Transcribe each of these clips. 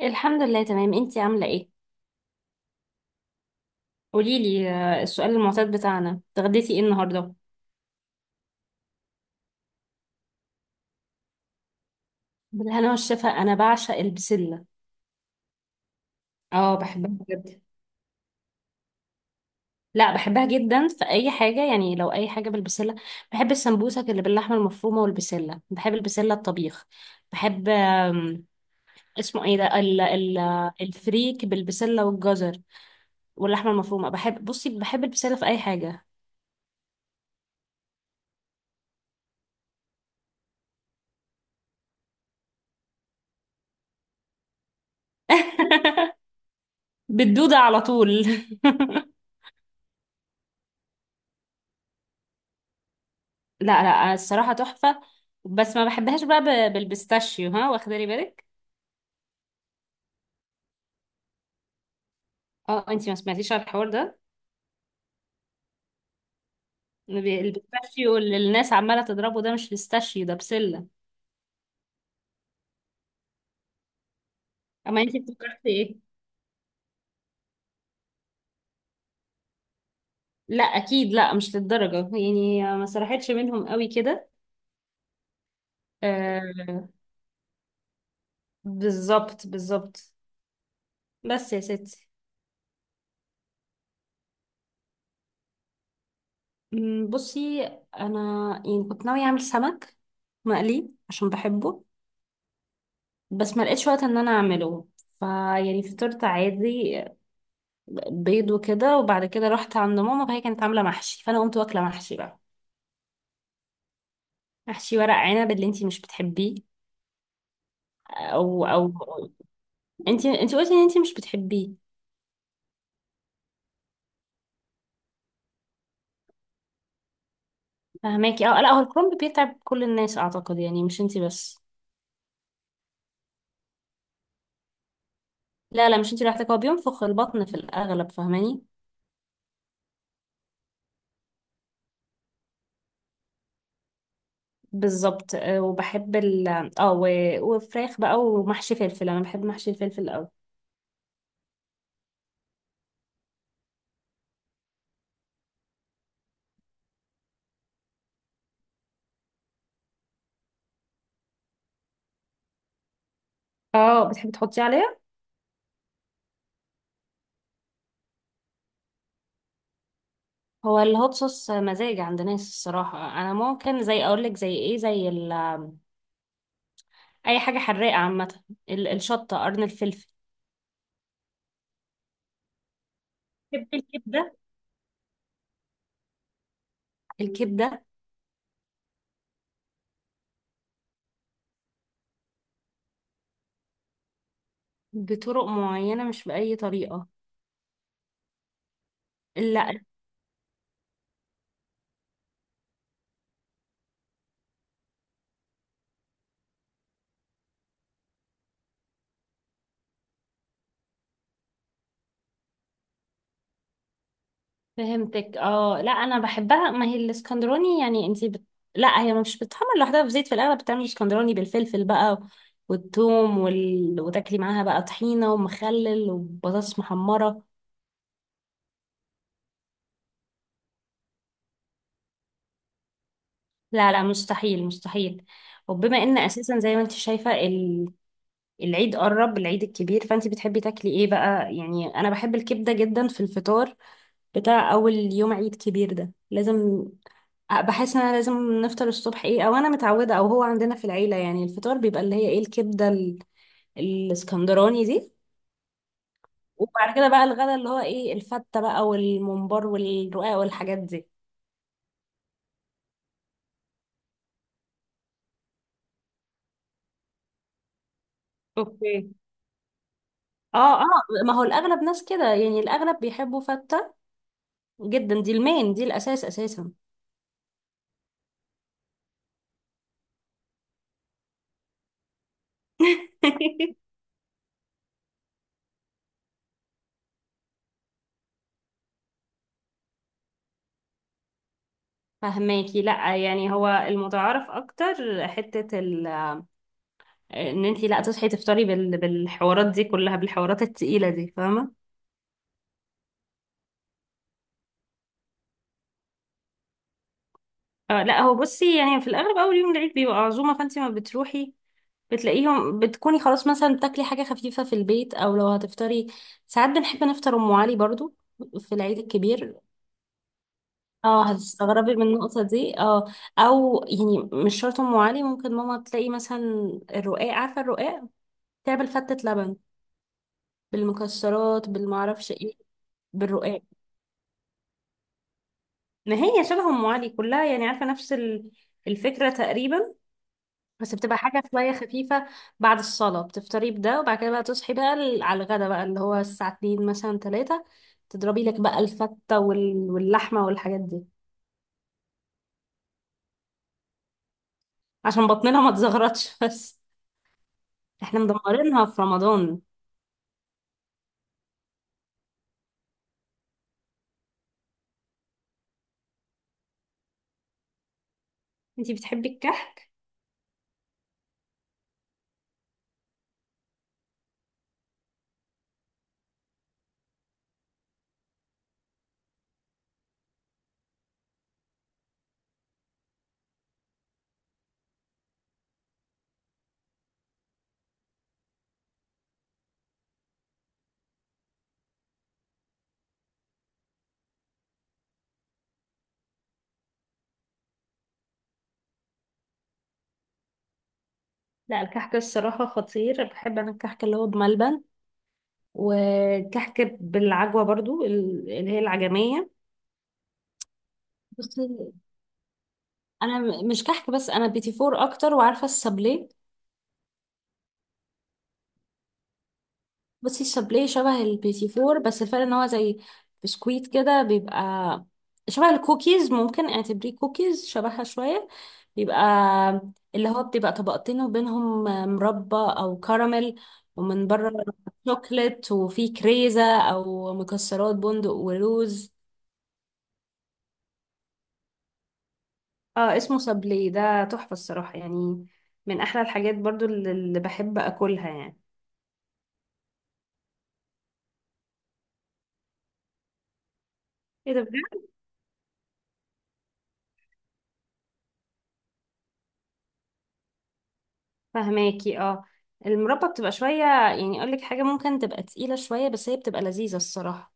الحمد لله تمام. انتي عاملة ايه؟ قوليلي، السؤال المعتاد بتاعنا، اتغديتي ايه النهاردة؟ بالهنا والشفا، انا بعشق البسلة. اه بحبها بجد. لا بحبها جدا في اي حاجة، يعني لو اي حاجة بالبسلة. بحب السمبوسك اللي باللحمة المفرومة والبسلة، بحب البسلة الطبيخ. بحب اسمه ايه ده ال الفريك بالبسلة والجزر واللحمة المفرومة. بحب، بصي، بحب البسلة في اي حاجة. بالدودة على طول. لا لا انا الصراحه تحفه، بس ما بحبهاش بقى بالبيستاشيو، ها، واخده لي بالك. اه انتي ما سمعتيش على الحوار ده. البيستاشيو اللي الناس عماله تضربه ده مش بيستاشيو، ده بسله. اما انتي افتكرتي ايه؟ لا اكيد لا، مش للدرجه يعني، ما سرحتش منهم قوي كده. آه بالظبط بالظبط. بس يا ستي، بصي، انا يعني كنت ناويه اعمل سمك مقلي عشان بحبه، بس ما لقيتش وقت ان انا اعمله. فيعني فطرت عادي، بيض وكده، وبعد كده رحت عند ماما فهي كانت عاملة محشي، فأنا قمت واكلة محشي بقى. محشي ورق عنب اللي انتي مش بتحبيه. او انتي قلتي ان انتي مش بتحبيه. فهماكي؟ اه لا، هو الكرنب بيتعب كل الناس اعتقد، يعني مش انتي بس. لا لا مش انتي لوحدك، هو بينفخ البطن في الاغلب، فاهماني؟ بالظبط. وبحب اه وفراخ بقى ومحشي فلفل، انا بحب محشي الفلفل قوي. اه بتحبي تحطيه عليها؟ هو الهوت صوص مزاج عند ناس. الصراحة انا ممكن، زي اقولك زي ايه، زي اي حاجه حراقه عامه. الشطه، قرن الفلفل. بحب الكبده. الكبده بطرق معينه، مش باي طريقه. لا، فهمتك. اه لا انا بحبها، ما هي الاسكندراني، يعني انتي لا هي مش بتتحمر لوحدها في زيت، في الاغلب بتعمل اسكندراني بالفلفل بقى والثوم وتاكلي معاها بقى طحينه ومخلل وبطاطس محمره. لا لا، مستحيل مستحيل. وبما ان اساسا زي ما انت شايفه، العيد قرب، العيد الكبير، فانت بتحبي تاكلي ايه بقى؟ يعني انا بحب الكبده جدا في الفطار بتاع اول يوم عيد كبير ده، لازم. بحس ان انا لازم نفطر الصبح ايه، او انا متعوده، او هو عندنا في العيله يعني الفطار بيبقى اللي هي ايه، الكبده الاسكندراني دي. وبعد كده بقى الغدا اللي هو ايه، الفته بقى والممبار والرقاق والحاجات دي. اوكي. اه اه. ما هو الاغلب ناس كده، يعني الاغلب بيحبوا فته جدا. دي المين، دي الاساس اساسا. فهماكي؟ لا يعني هو المتعارف اكتر حتة ان انتي لا تصحي تفطري بالحوارات دي كلها، بالحوارات التقيلة دي، فاهمة؟ آه لا هو بصي، يعني في الاغلب اول يوم العيد بيبقى عزومة، فانتي ما بتروحي بتلاقيهم، بتكوني خلاص مثلا بتاكلي حاجة خفيفة في البيت، او لو هتفطري، ساعات بنحب نفطر ام علي برضو في العيد الكبير. اه هتستغربي من النقطة دي. اه او يعني مش شرط ام علي، ممكن ماما تلاقي مثلا الرقاق، عارفة الرقاق؟ تعمل فتة لبن بالمكسرات بالمعرفش ايه، بالرقاق. ما هي شبه ام علي كلها يعني، عارفه؟ نفس الفكره تقريبا. بس بتبقى حاجه شويه خفيفه، بعد الصلاه بتفطري بده، وبعد كده بقى تصحي بقى على الغدا بقى اللي هو الساعه 2 مثلا 3، تضربي لك بقى الفته واللحمه والحاجات دي. عشان بطننا ما تزغرطش. بس احنا مدمرينها في رمضان. انتي بتحبي الكحك؟ لا الكحك الصراحه خطير. بحب انا الكحك اللي هو بملبن، وكحك بالعجوة برضو، اللي هي العجمية. بصي انا مش كحك بس، انا بيتي فور اكتر، وعارفة السابليه؟ بصي السابليه شبه البيتي فور، بس الفرق ان هو زي بسكويت كده، بيبقى شبه الكوكيز، ممكن اعتبريه كوكيز، شبهها شوية. بيبقى اللي هو بتبقى طبقتين وبينهم مربى او كراميل، ومن بره شوكليت، وفيه كريزة او مكسرات، بندق ولوز. اه اسمه صبلي، ده تحفة الصراحة يعني، من احلى الحاجات برضو اللي بحب اكلها يعني. ايه ده بجد؟ فهماكي اه، المربى بتبقى شوية، يعني اقول لك حاجة، ممكن تبقى تقيلة شوية بس هي بتبقى لذيذة الصراحة.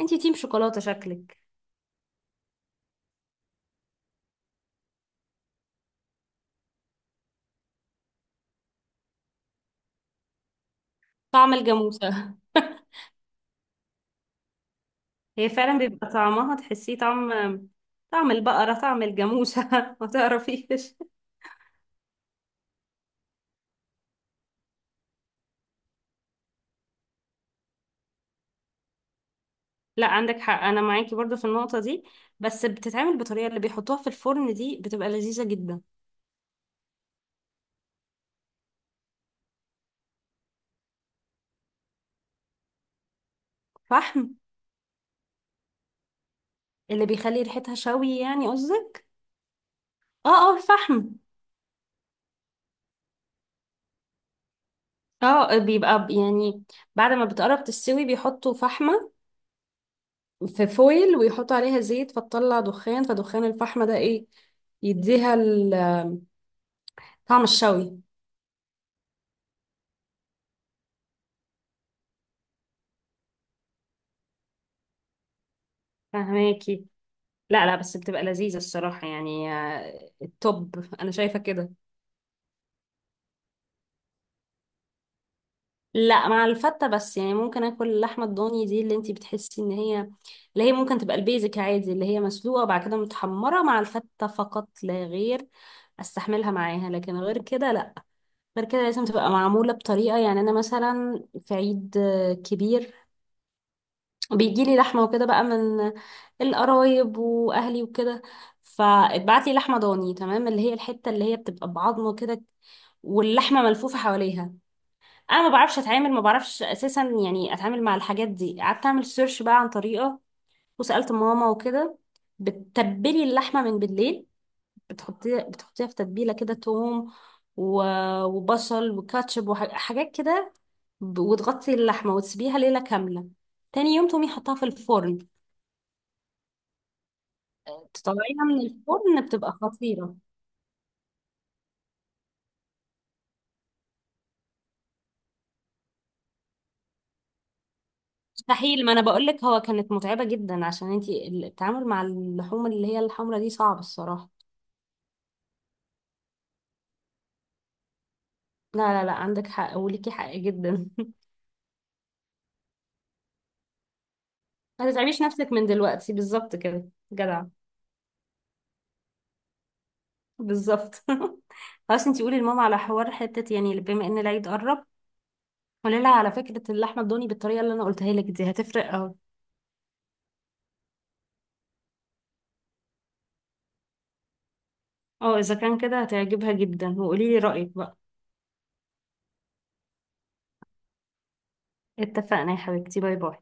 انتي تيم شوكولاتة شكلك. طعم الجاموسة. هي فعلا بيبقى طعمها، تحسيه طعم، طعم البقرة طعم الجاموسة. ما تعرفيش. لا عندك حق، انا معاكي برضو في النقطة دي، بس بتتعمل بطريقة اللي بيحطوها في الفرن دي، بتبقى لذيذة جدا. فحم. اللي بيخلي ريحتها شوي يعني قصدك؟ اه اه الفحم. اه بيبقى يعني بعد ما بتقرب تستوي بيحطوا فحمة في فويل، ويحطوا عليها زيت فتطلع دخان، فدخان الفحمة ده ايه، يديها طعم الشوي. فهماكي. لا لا بس بتبقى لذيذة الصراحة، يعني التوب انا شايفة كده. لا مع الفتة بس يعني، ممكن اكل اللحمة الضاني دي اللي انتي بتحسي ان هي، اللي هي ممكن تبقى البيزك عادي اللي هي مسلوقة وبعد كده متحمرة، مع الفتة فقط لا غير استحملها معاها، لكن غير كده لا. غير كده لازم تبقى معمولة بطريقة، يعني انا مثلا في عيد كبير بيجيلي لحمة وكده بقى، من القرايب واهلي وكده. فاتبعتلي لحمة ضاني تمام، اللي هي الحتة اللي هي بتبقى بعظمه كده واللحمة ملفوفة حواليها. انا ما بعرفش اتعامل، ما بعرفش اساسا يعني اتعامل مع الحاجات دي، قعدت اعمل سيرش بقى عن طريقه، وسالت ماما وكده. بتتبلي اللحمه من بالليل، بتحطيها في تتبيله كده، توم وبصل وكاتشب وحاجات كده، وتغطي اللحمه وتسيبيها ليله كامله. تاني يوم تقومي حطها في الفرن، تطلعيها من الفرن بتبقى خطيره. مستحيل، ما انا بقولك هو كانت متعبه جدا، عشان انتي التعامل مع اللحوم اللي هي الحمرا دي صعب الصراحه. لا لا لا عندك حق، وليكي حق جدا. ما تتعبيش نفسك من دلوقتي، بالظبط كده جدع. بالظبط. خلاص انتي قولي لماما على حوار حتة، يعني بما ان العيد قرب، قولي لها على فكرة اللحمة الضاني بالطريقة اللي انا قلتها لك دي، هتفرق اهو. اه اذا كان كده هتعجبها جدا، وقولي لي رأيك بقى. اتفقنا يا حبيبتي، باي باي.